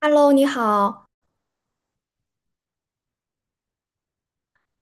Hello，你好。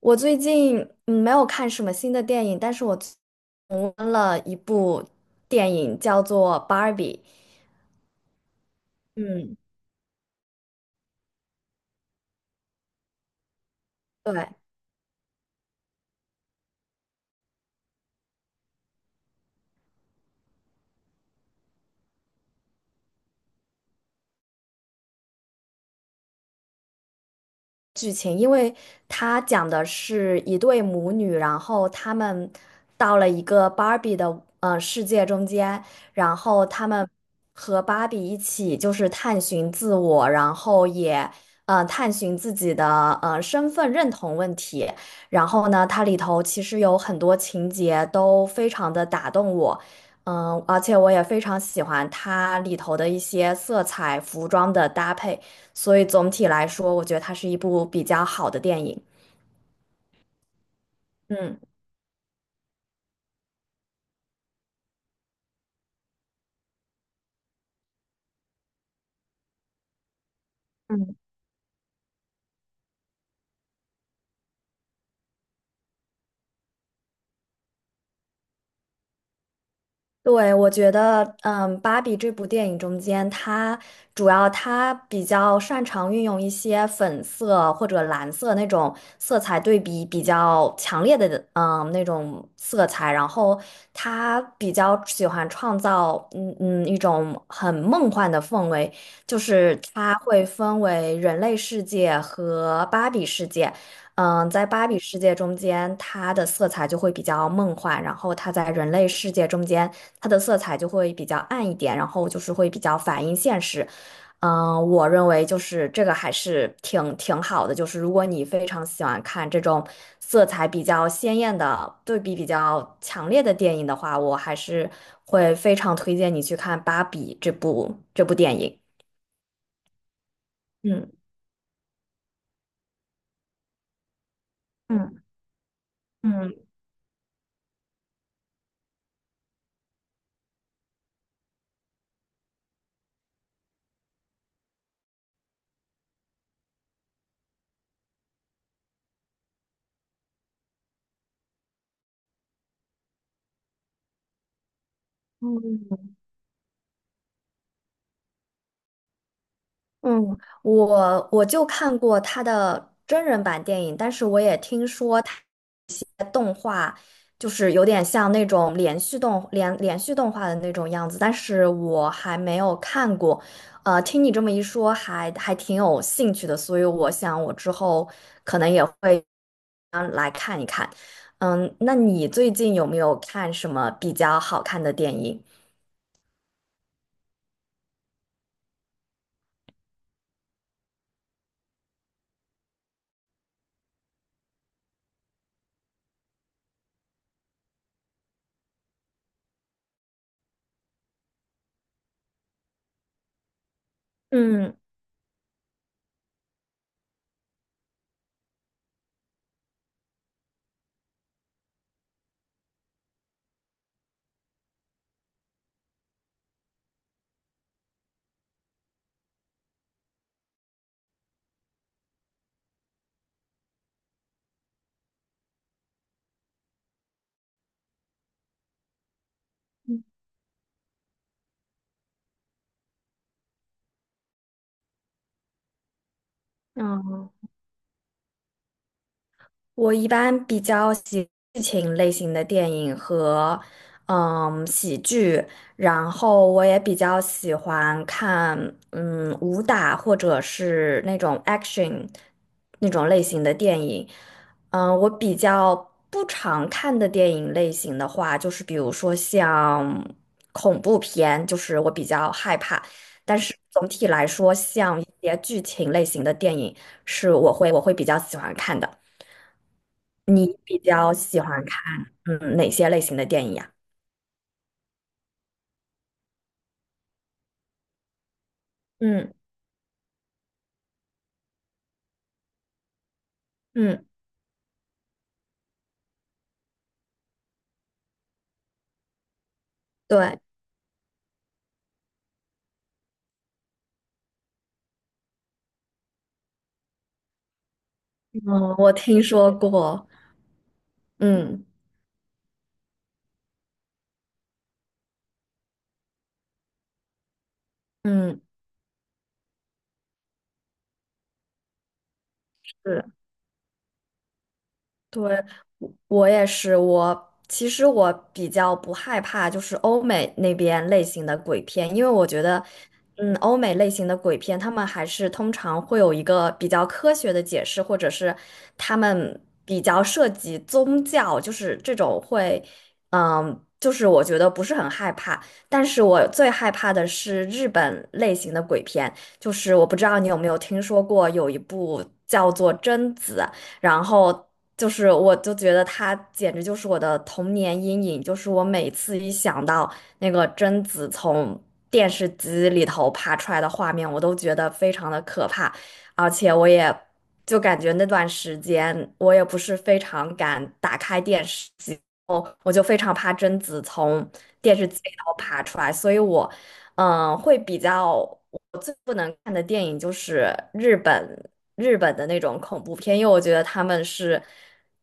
我最近没有看什么新的电影，但是我重温了一部电影，叫做《Barbie》。嗯，对。剧情，因为它讲的是一对母女，然后他们到了一个芭比的世界中间，然后他们和芭比一起就是探寻自我，然后也探寻自己的身份认同问题。然后呢，它里头其实有很多情节都非常的打动我。嗯，而且我也非常喜欢它里头的一些色彩、服装的搭配。所以总体来说，我觉得它是一部比较好的电影。嗯，嗯，对，我觉得，嗯，《芭比》这部电影中间，它主要比较擅长运用一些粉色或者蓝色那种色彩对比比较强烈的，嗯，那种色彩，然后它比较喜欢创造，一种很梦幻的氛围，就是它会分为人类世界和芭比世界。嗯，在芭比世界中间，它的色彩就会比较梦幻，然后它在人类世界中间。它的色彩就会比较暗一点，然后就是会比较反映现实。嗯，我认为就是这个还是挺好的，就是如果你非常喜欢看这种色彩比较鲜艳的、对比比较强烈的电影的话，我还是会非常推荐你去看《芭比》这部电影。嗯。嗯。嗯。嗯，我就看过他的真人版电影，但是我也听说。就是有点像那种连续动画的那种样子，但是我还没有看过。听你这么一说还挺有兴趣的，所以我想我之后可能也会。嗯，那你最近有没有看什么比较好看的电影？嗯。嗯。我一般比较喜剧情类型的电影和喜剧，然后我也比较喜欢看武打或者是那种 action 那种类型的电影。嗯，我比较不常看的电影类型的话，就是比如说像恐怖片，就是我比较害怕。但是总体来说，像一些剧情类型的电影，是我会比较喜欢看的。你比较喜欢看哪些类型的电影呀？嗯。嗯，对。嗯，我听说过。嗯。嗯，是。对，我我也是，我其实我比较不害怕就是欧美那边类型的鬼片，因为我觉得，嗯，欧美类型的鬼片，他们还是通常会有一个比较科学的解释，或者是他们比较涉及宗教，就是这种会，嗯，就是我觉得不是很害怕，但是我最害怕的是日本类型的鬼片，就是我不知道你有没有听说过有一部叫做《贞子》。然后就是我就觉得他简直就是我的童年阴影，就是我每次一想到那个贞子从电视机里头爬出来的画面，我都觉得非常的可怕，而且我也就感觉那段时间我也不是非常敢打开电视机。我就非常怕贞子从电视机里头爬出来，所以我会比较我最不能看的电影就是日本日本的那种恐怖片，因为我觉得他们是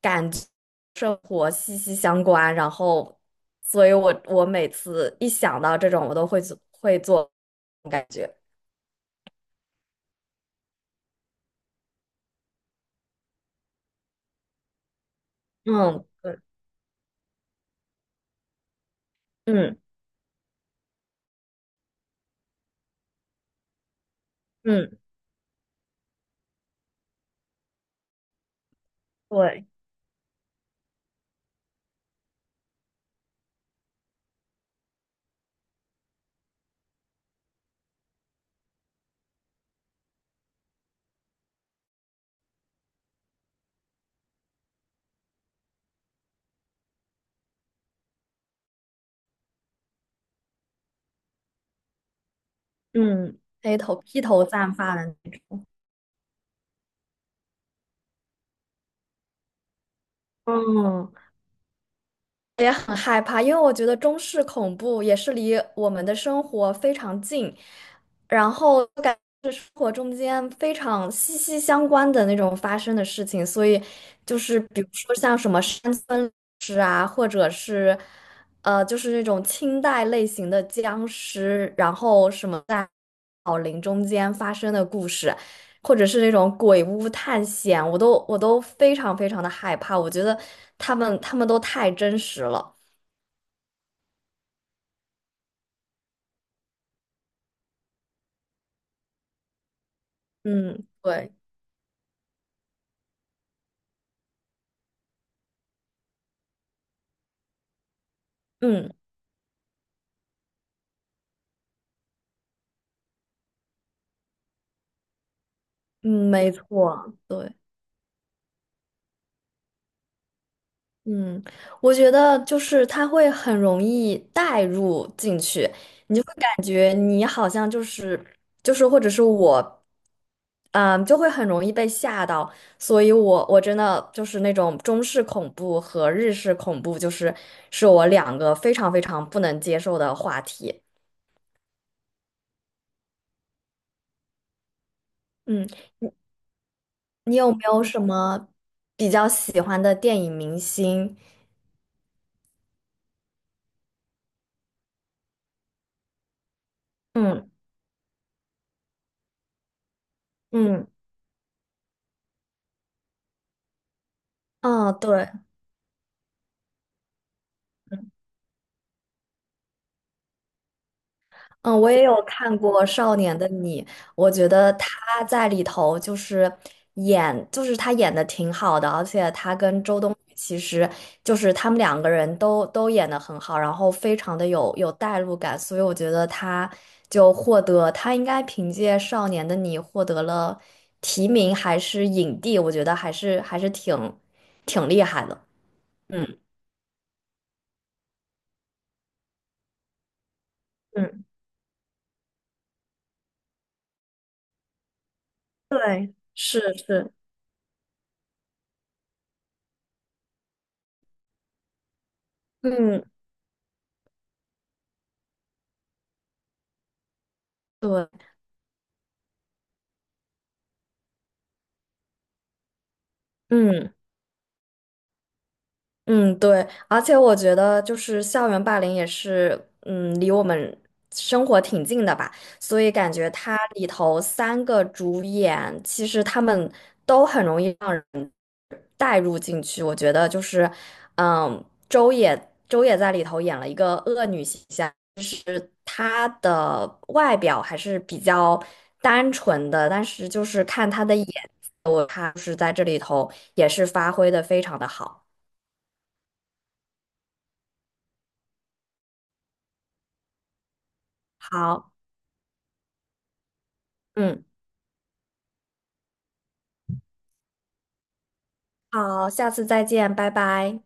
感觉生活息息相关，然后，所以我每次一想到这种，我都会做感觉。嗯，对。嗯。嗯，对。嗯，黑头披头散发的。嗯。我也很害怕，因为我觉得中式恐怖也是离我们的生活非常近，然后感觉是生活中间非常息息相关的那种发生的事情，所以就是比如说像什么山村尸啊，或者是就是那种清代类型的僵尸，然后什么在老林中间发生的故事，或者是那种鬼屋探险，我都非常非常的害怕。我觉得他们都太真实了。嗯，对。嗯。嗯，没错，对。嗯，我觉得就是他会很容易带入进去。感觉你好像就是或者是我，嗯，就会很容易被吓到，所以我真的就是那种中式恐怖和日式恐怖，就是是我两个非常非常不能接受的话题。嗯，你有没有什么比较喜欢的电影明星？嗯。嗯。嗯，对。嗯，我也有看过《少年的你》，我觉得他在里头就是就是他演的挺好的，而且他跟周冬雨其实就是他们两个人都演的很好，然后非常的有代入感，所以我觉得他就获得他应该凭借《少年的你》获得了提名还是影帝，我觉得还是挺厉害的。嗯。嗯，对。是是。嗯，对。嗯。嗯，对，而且我觉得就是校园霸凌也是，嗯，离我们生活挺近的吧，所以感觉它里头三个主演，其实他们都很容易让人带入进去。我觉得就是，嗯，周也在里头演了一个恶女形象，她的外表还是比较单纯的，但是就是看她的眼，她就是在这里头也是发挥的非常的好。好。嗯。好，下次再见，拜拜。